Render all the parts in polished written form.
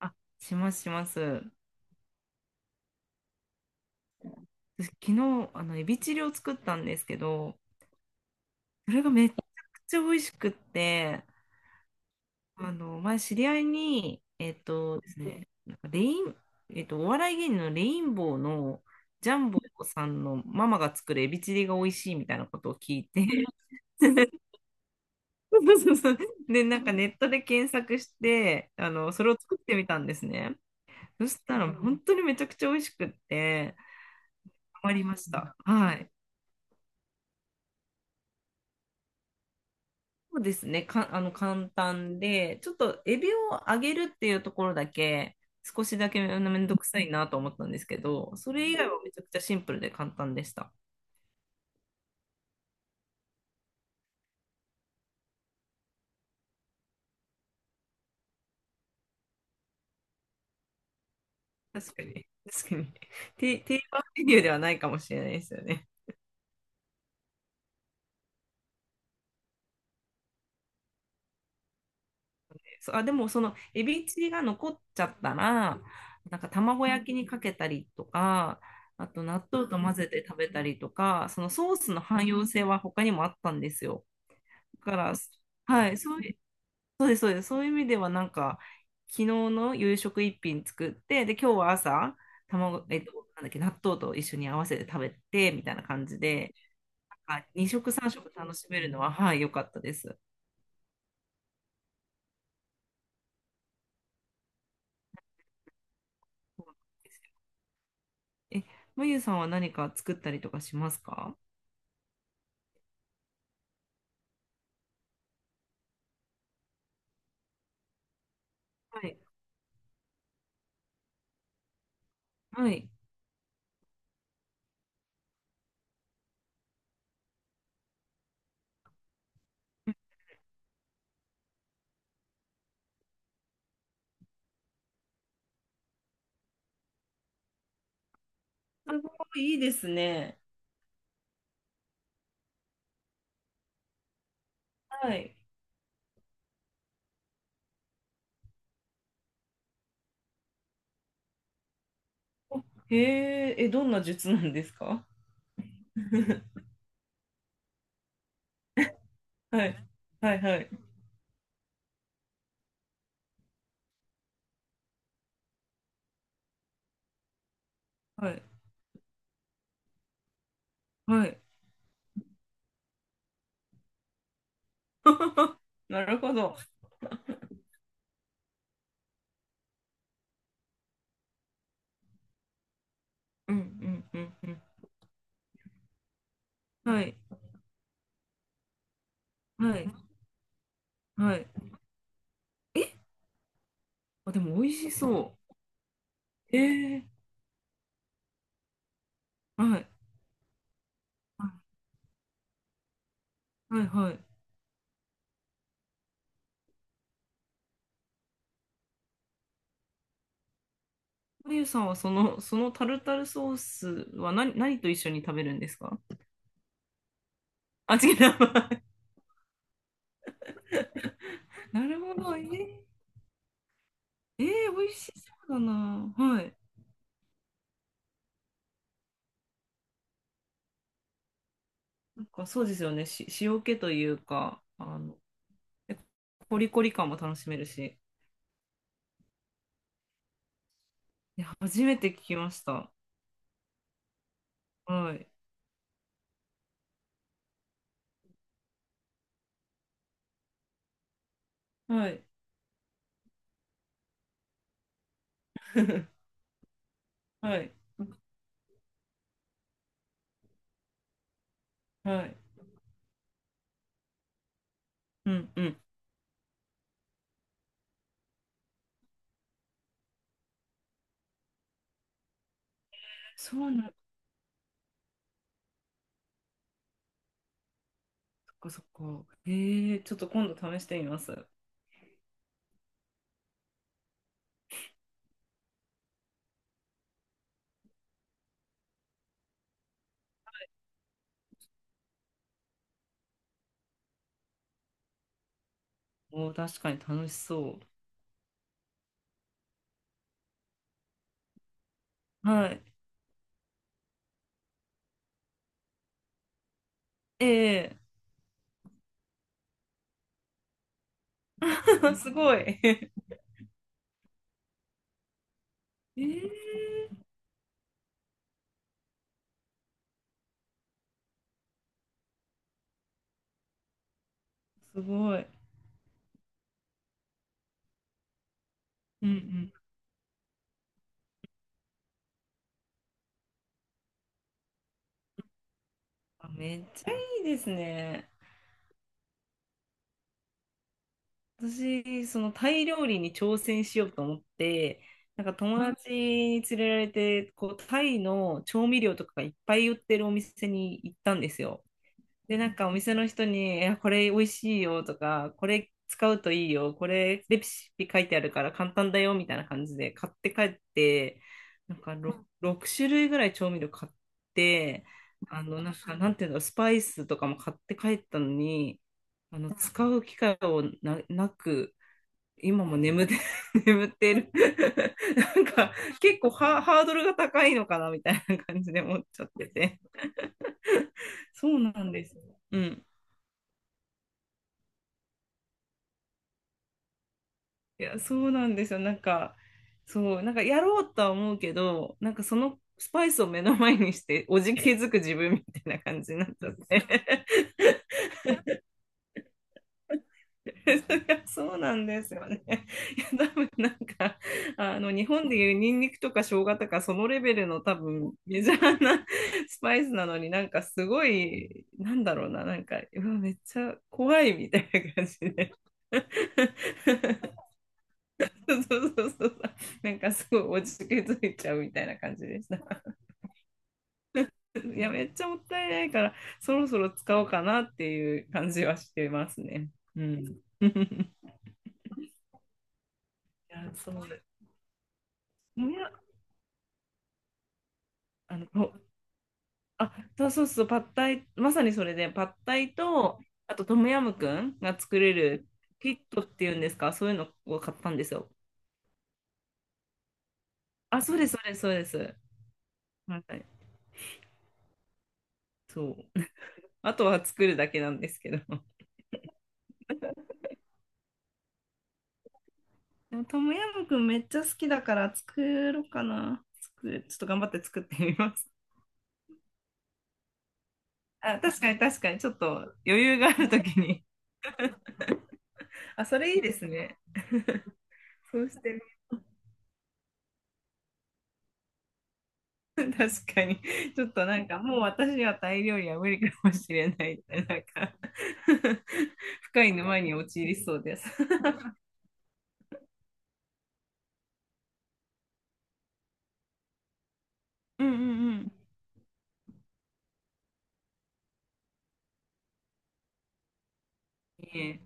あ、します。私昨日、エビチリを作ったんですけど、それがめちゃくちゃ美味しくって、前知り合いに、えっとですね、なんかレイン、えっと、お笑い芸人のレインボーのジャンボさんのママが作るエビチリが美味しいみたいなことを聞いて、そうそうそう。で、なんかネットで検索して、それを作ってみたんですね。そしたら本当にめちゃくちゃ美味しくって、ハマりました。はい。そうですね。か、あの、簡単で、ちょっとエビを揚げるっていうところだけ、少しだけめんどくさいなと思ったんですけど、それ以外はめちゃくちゃシンプルで簡単でした。確かに。確かに。定番メニューではないかもしれないですよね。そう、あ、でもそのエビチリが残っちゃったら、なんか卵焼きにかけたりとか、あと納豆と混ぜて食べたりとか、そのソースの汎用性は他にもあったんですよ。だから、はい、そういう意味ではなんか昨日の夕食一品作って、で今日は朝卵、なんだっけ納豆と一緒に合わせて食べてみたいな感じで、なんか2食3食楽しめるのははい良かったです。そうなんですよ。え、まゆさんは何か作ったりとかしますか？はい。はい。すごいいいですね。はい。へえ、え、どんな術なんですか？ はい。はい。はいはい。はい。なるほど。うんうんうんうん。はい。はい。はい。あ、でも美味しそう。ええ、はい。はい、はい。まゆさんはその、タルタルソースは何と一緒に食べるんですか？あ、違う。なるほど。えー、えー、美味しそうだな。はい。なんかそうですよね。塩気というか、でコリコリ感も楽しめるし。いや、初めて聞きました。はい。はい。はい。はい。うんうん。そうなん、そっかそっか。えー、ちょっと今度試してみます。おー、確かに楽しそう。はい。ええ。 すごい。ええ、すごい。うんうん。あ、めっちゃいいですね。私、そのタイ料理に挑戦しようと思って、なんか友達に連れられて、こう、タイの調味料とかがいっぱい売ってるお店に行ったんですよ。で、なんかお店の人に、え、これ美味しいよとか、これ使うといいよ、これレシピ書いてあるから簡単だよみたいな感じで買って帰って、なんか 6, 種類ぐらい調味料買って、なんか、なんていうの、スパイスとかも買って帰ったのに、使う機会をなく、今も眠って、眠ってる。なんか、結構ハードルが高いのかなみたいな感じで思っちゃってて。そうなんです。うん。いや、そうなんですよ。なんか、そう、なんかやろうとは思うけど、なんかそのスパイスを目の前にして、おじけづく自分みたいな感じになっちゃって。そりゃそうなんですよね。いや、多分なんか、日本でいうニンニクとか生姜とか、そのレベルの多分メジャーなスパイスなのに、なんかすごい、なんだろうな、なんか、うわ、めっちゃ怖いみたいな感じで。 そうそうそうそう。なんかすごい落ち着いちゃうみたいな感じでした。いや、めっちゃもったいないから、そろそろ使おうかなっていう感じはしてますね。うん。いや、そうです。もや、あの、ほあ、そうそうそう、パッタイ、まさにそれで、パッタイと、あとトムヤムクンが作れるキットっていうんですか、そういうのを買ったんですよ。あ、そうです、そうです、そうです。はい、そう。あとは作るだけなんですけど。でもトムヤムくんめっちゃ好きだから作ろうかな。ちょっと頑張って作ってみます。あ、確かに確かに、ちょっと余裕があるときに。あ、それいいですね。そうしてみる。 確かに。ちょっとなんかもう私にはタイ料理は無理かもしれないみたいな、なんか 深い沼に陥りそうです。うんうんうん。いいえ。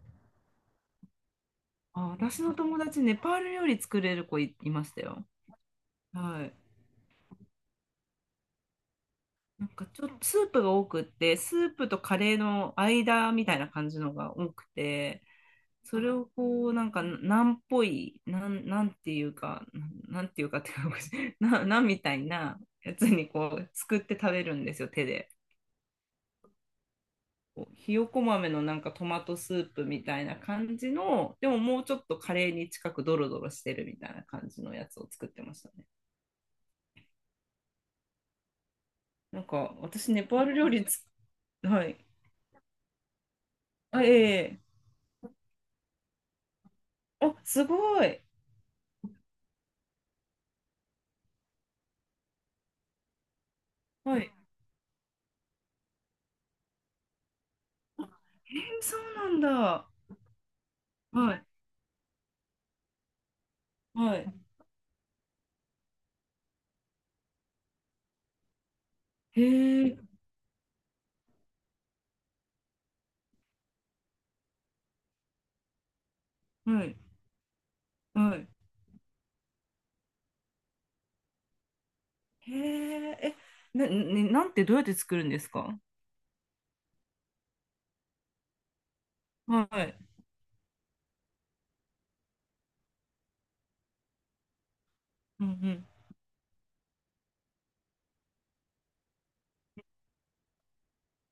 あ、私の友達、ネパール料理作れる子いましたよ。はい。なんかちょっとスープが多くって、スープとカレーの間みたいな感じのが多くて、それをこう、なんか、なんていうか、なんていうかっていうか、なんみたいなやつにこう、作って食べるんですよ、手で。こうひよこ豆のなんかトマトスープみたいな感じの、でももうちょっとカレーに近くドロドロしてるみたいな感じのやつを作ってましたね。なんか、私、ネパール料理はい。あ、ええ、あ、すごい。はい。えー、そうなんだ。はい、はい。へえ、はい、はい。へえ、え、なんてどうやって作るんですか？はい。うんうん。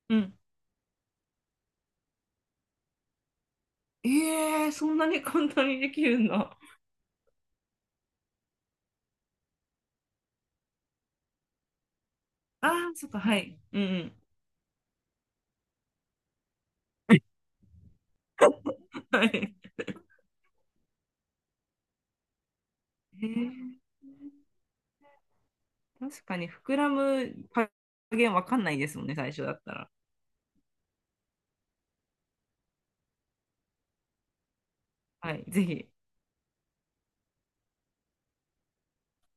うん。ええ、そんなに簡単にできるんだ。ああ、そっか、はい。うんうん。はい。へえ、確かに膨らむ加減わかんないですもんね、最初だったら。はい、ぜひ。